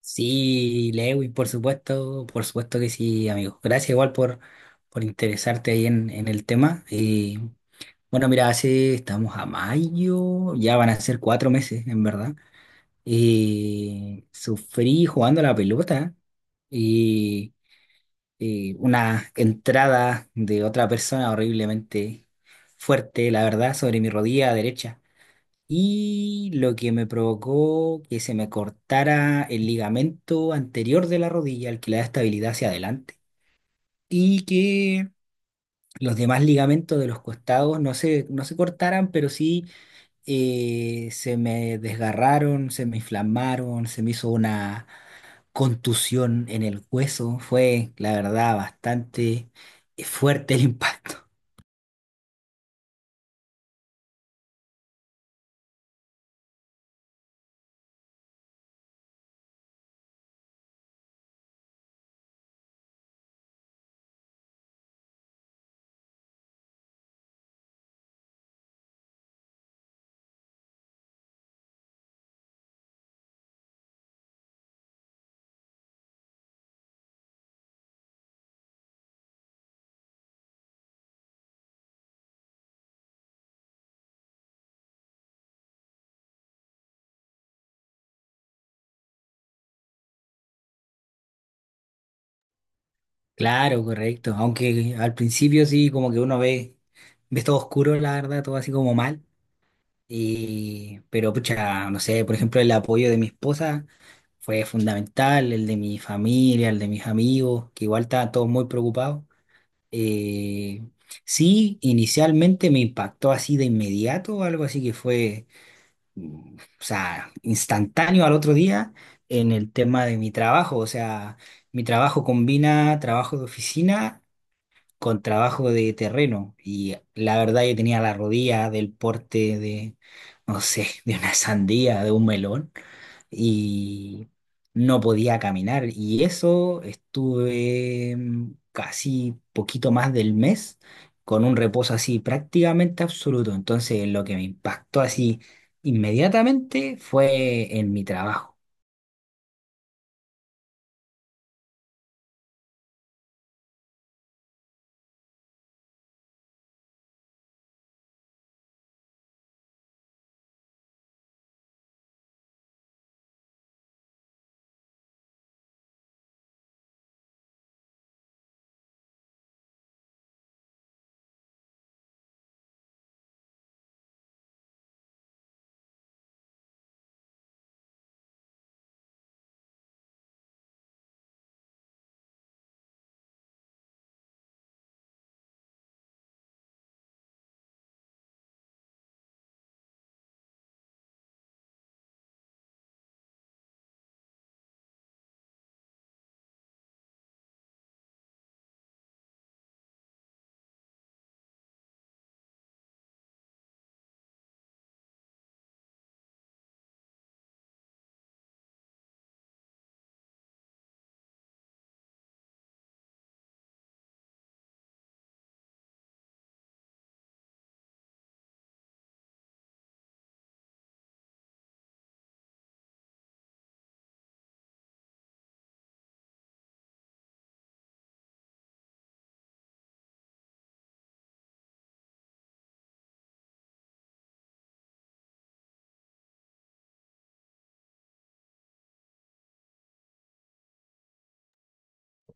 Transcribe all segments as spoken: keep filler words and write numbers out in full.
Sí, Lewis, por supuesto, por supuesto que sí, amigo. Gracias igual por, por interesarte ahí en, en el tema. Eh, bueno, mira, hace, estamos a mayo, ya van a ser cuatro meses, en verdad. Eh, sufrí jugando a la pelota y eh, una entrada de otra persona horriblemente fuerte, la verdad, sobre mi rodilla derecha, y lo que me provocó que se me cortara el ligamento anterior de la rodilla, el que le da estabilidad hacia adelante, y que los demás ligamentos de los costados no se, no se cortaran, pero sí eh, se me desgarraron, se me inflamaron, se me hizo una contusión en el hueso. Fue, la verdad, bastante eh, fuerte el impacto. Claro, correcto. Aunque al principio sí, como que uno ve, ves todo oscuro, la verdad, todo así como mal. Y, pero pucha, no sé, por ejemplo, el apoyo de mi esposa fue fundamental, el de mi familia, el de mis amigos, que igual estaban todos muy preocupados. Eh, sí, inicialmente me impactó así de inmediato, algo así que fue, mm, o sea, instantáneo al otro día en el tema de mi trabajo. O sea, mi trabajo combina trabajo de oficina con trabajo de terreno, y la verdad yo tenía la rodilla del porte de, no sé, de una sandía, de un melón, y no podía caminar, y eso estuve mm, casi poquito más del mes con un reposo así prácticamente absoluto. Entonces, lo que me impactó así inmediatamente fue en mi trabajo.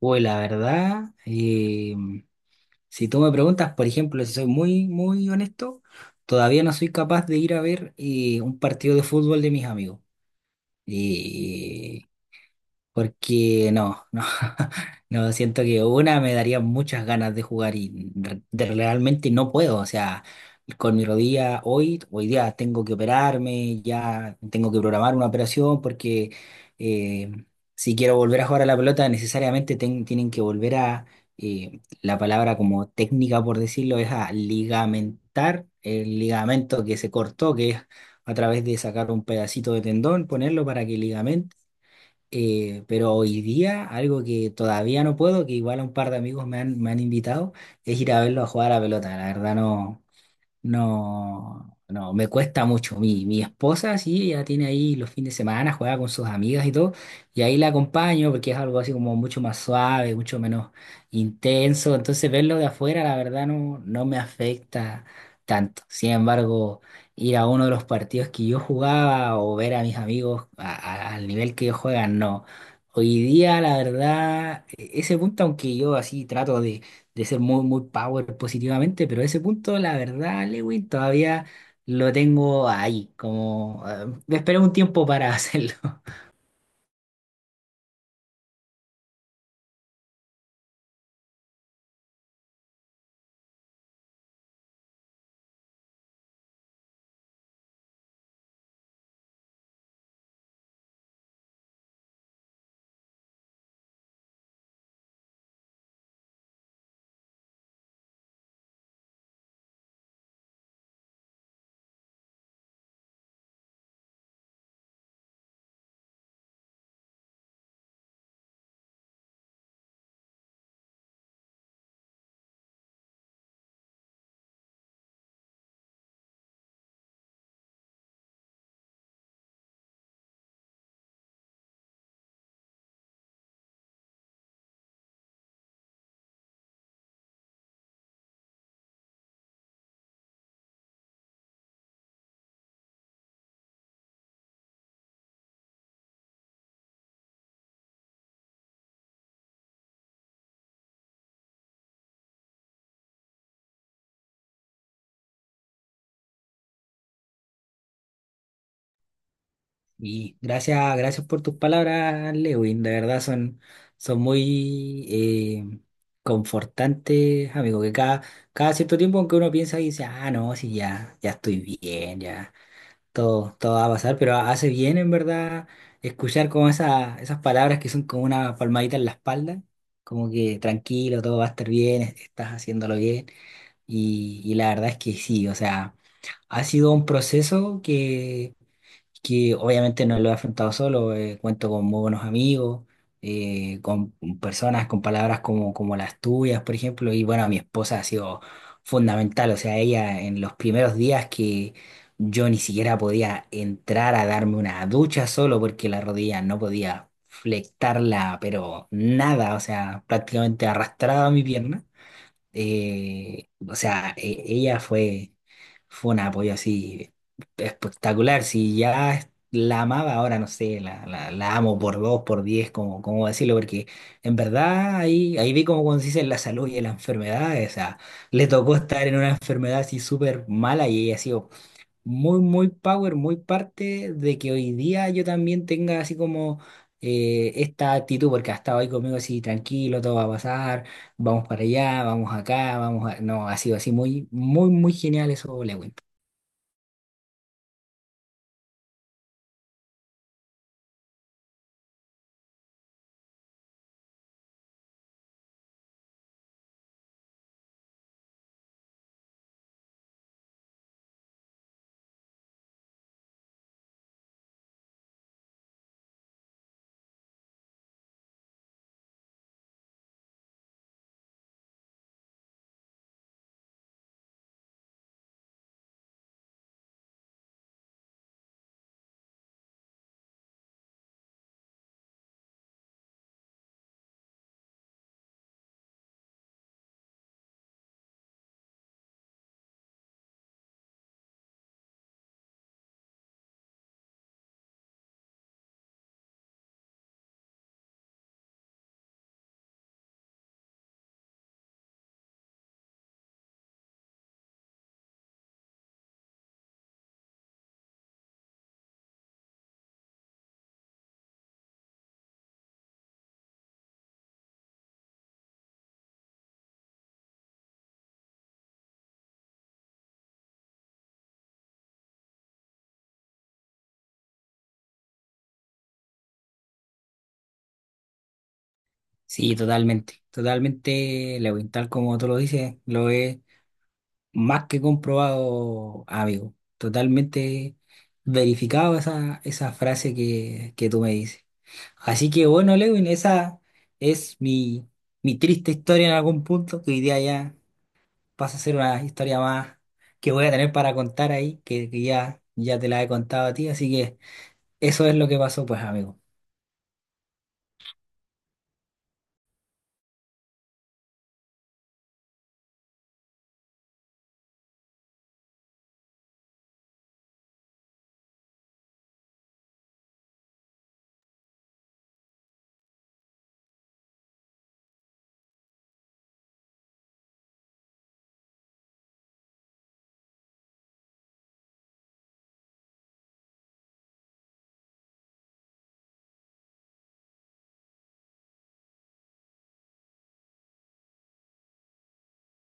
Uy, la verdad, eh, si tú me preguntas, por ejemplo, si soy muy, muy honesto, todavía no soy capaz de ir a ver eh, un partido de fútbol de mis amigos. Y porque no, no, no, siento que una me daría muchas ganas de jugar y re- de realmente no puedo, o sea, con mi rodilla hoy, hoy día tengo que operarme, ya tengo que programar una operación porque eh, si quiero volver a jugar a la pelota necesariamente ten- tienen que volver a, eh, la palabra como técnica por decirlo es a ligamentar el ligamento que se cortó, que es a través de sacar un pedacito de tendón, ponerlo para que ligamento, eh, pero hoy día, algo que todavía no puedo, que igual a un par de amigos me han, me han invitado, es ir a verlo a jugar a la pelota. La verdad, no, no, no, me cuesta mucho. Mi, mi esposa, sí, ella tiene ahí los fines de semana, juega con sus amigas y todo, y ahí la acompaño porque es algo así como mucho más suave, mucho menos intenso. Entonces, verlo de afuera, la verdad, no, no me afecta tanto. Sin embargo, ir a uno de los partidos que yo jugaba o ver a mis amigos a- a- al nivel que ellos juegan, no. Hoy día, la verdad, e- ese punto, aunque yo así trato de ser muy, muy power positivamente, pero ese punto, la verdad, Lewin, todavía lo tengo ahí, como eh, me esperé un tiempo para hacerlo. Y gracias, gracias por tus palabras, Lewin, de verdad son, son muy eh, confortantes, amigo, que cada, cada cierto tiempo en que uno piensa y dice, ah, no, sí, ya, ya estoy bien, ya. Todo, todo va a pasar, pero hace bien en verdad escuchar como esa- esas palabras que son como una palmadita en la espalda, como que tranquilo, todo va a estar bien, es- estás haciéndolo bien. Y, y la verdad es que sí, o sea, ha sido un proceso que que obviamente no lo he afrontado solo. Eh, cuento con muy buenos amigos, eh, con personas con palabras como, como las tuyas, por ejemplo, y bueno, mi esposa ha sido fundamental, o sea, ella en los primeros días que yo ni siquiera podía entrar a darme una ducha solo porque la rodilla no podía flectarla, pero nada, o sea, prácticamente arrastraba mi pierna, eh, o sea, e- ella fue, fue un apoyo así espectacular. Si ya es- la amaba, ahora no sé, la, la, la amo por dos, por diez, como, como decirlo, porque en verdad ahí, ahí vi como cuando se la salud y en la enfermedad, o sea, le tocó estar en una enfermedad así súper mala, y ella así muy, muy power, muy parte de que hoy día yo también tenga así como eh, esta actitud, porque ha estado ahí conmigo así, tranquilo, todo va a pasar, vamos para allá, vamos acá, vamos a... No, ha sido así muy, muy, muy genial eso, Lewin. Sí, totalmente, totalmente, Lewin, tal como tú lo dices, lo es más que comprobado, amigo, totalmente verificado esa, esa frase que, que tú me dices. Así que bueno, Lewin, esa es mi, mi triste historia en algún punto, que hoy día ya pasa a ser una historia más que voy a tener para contar ahí, que, que ya, ya te la he contado a ti, así que eso es lo que pasó, pues, amigo.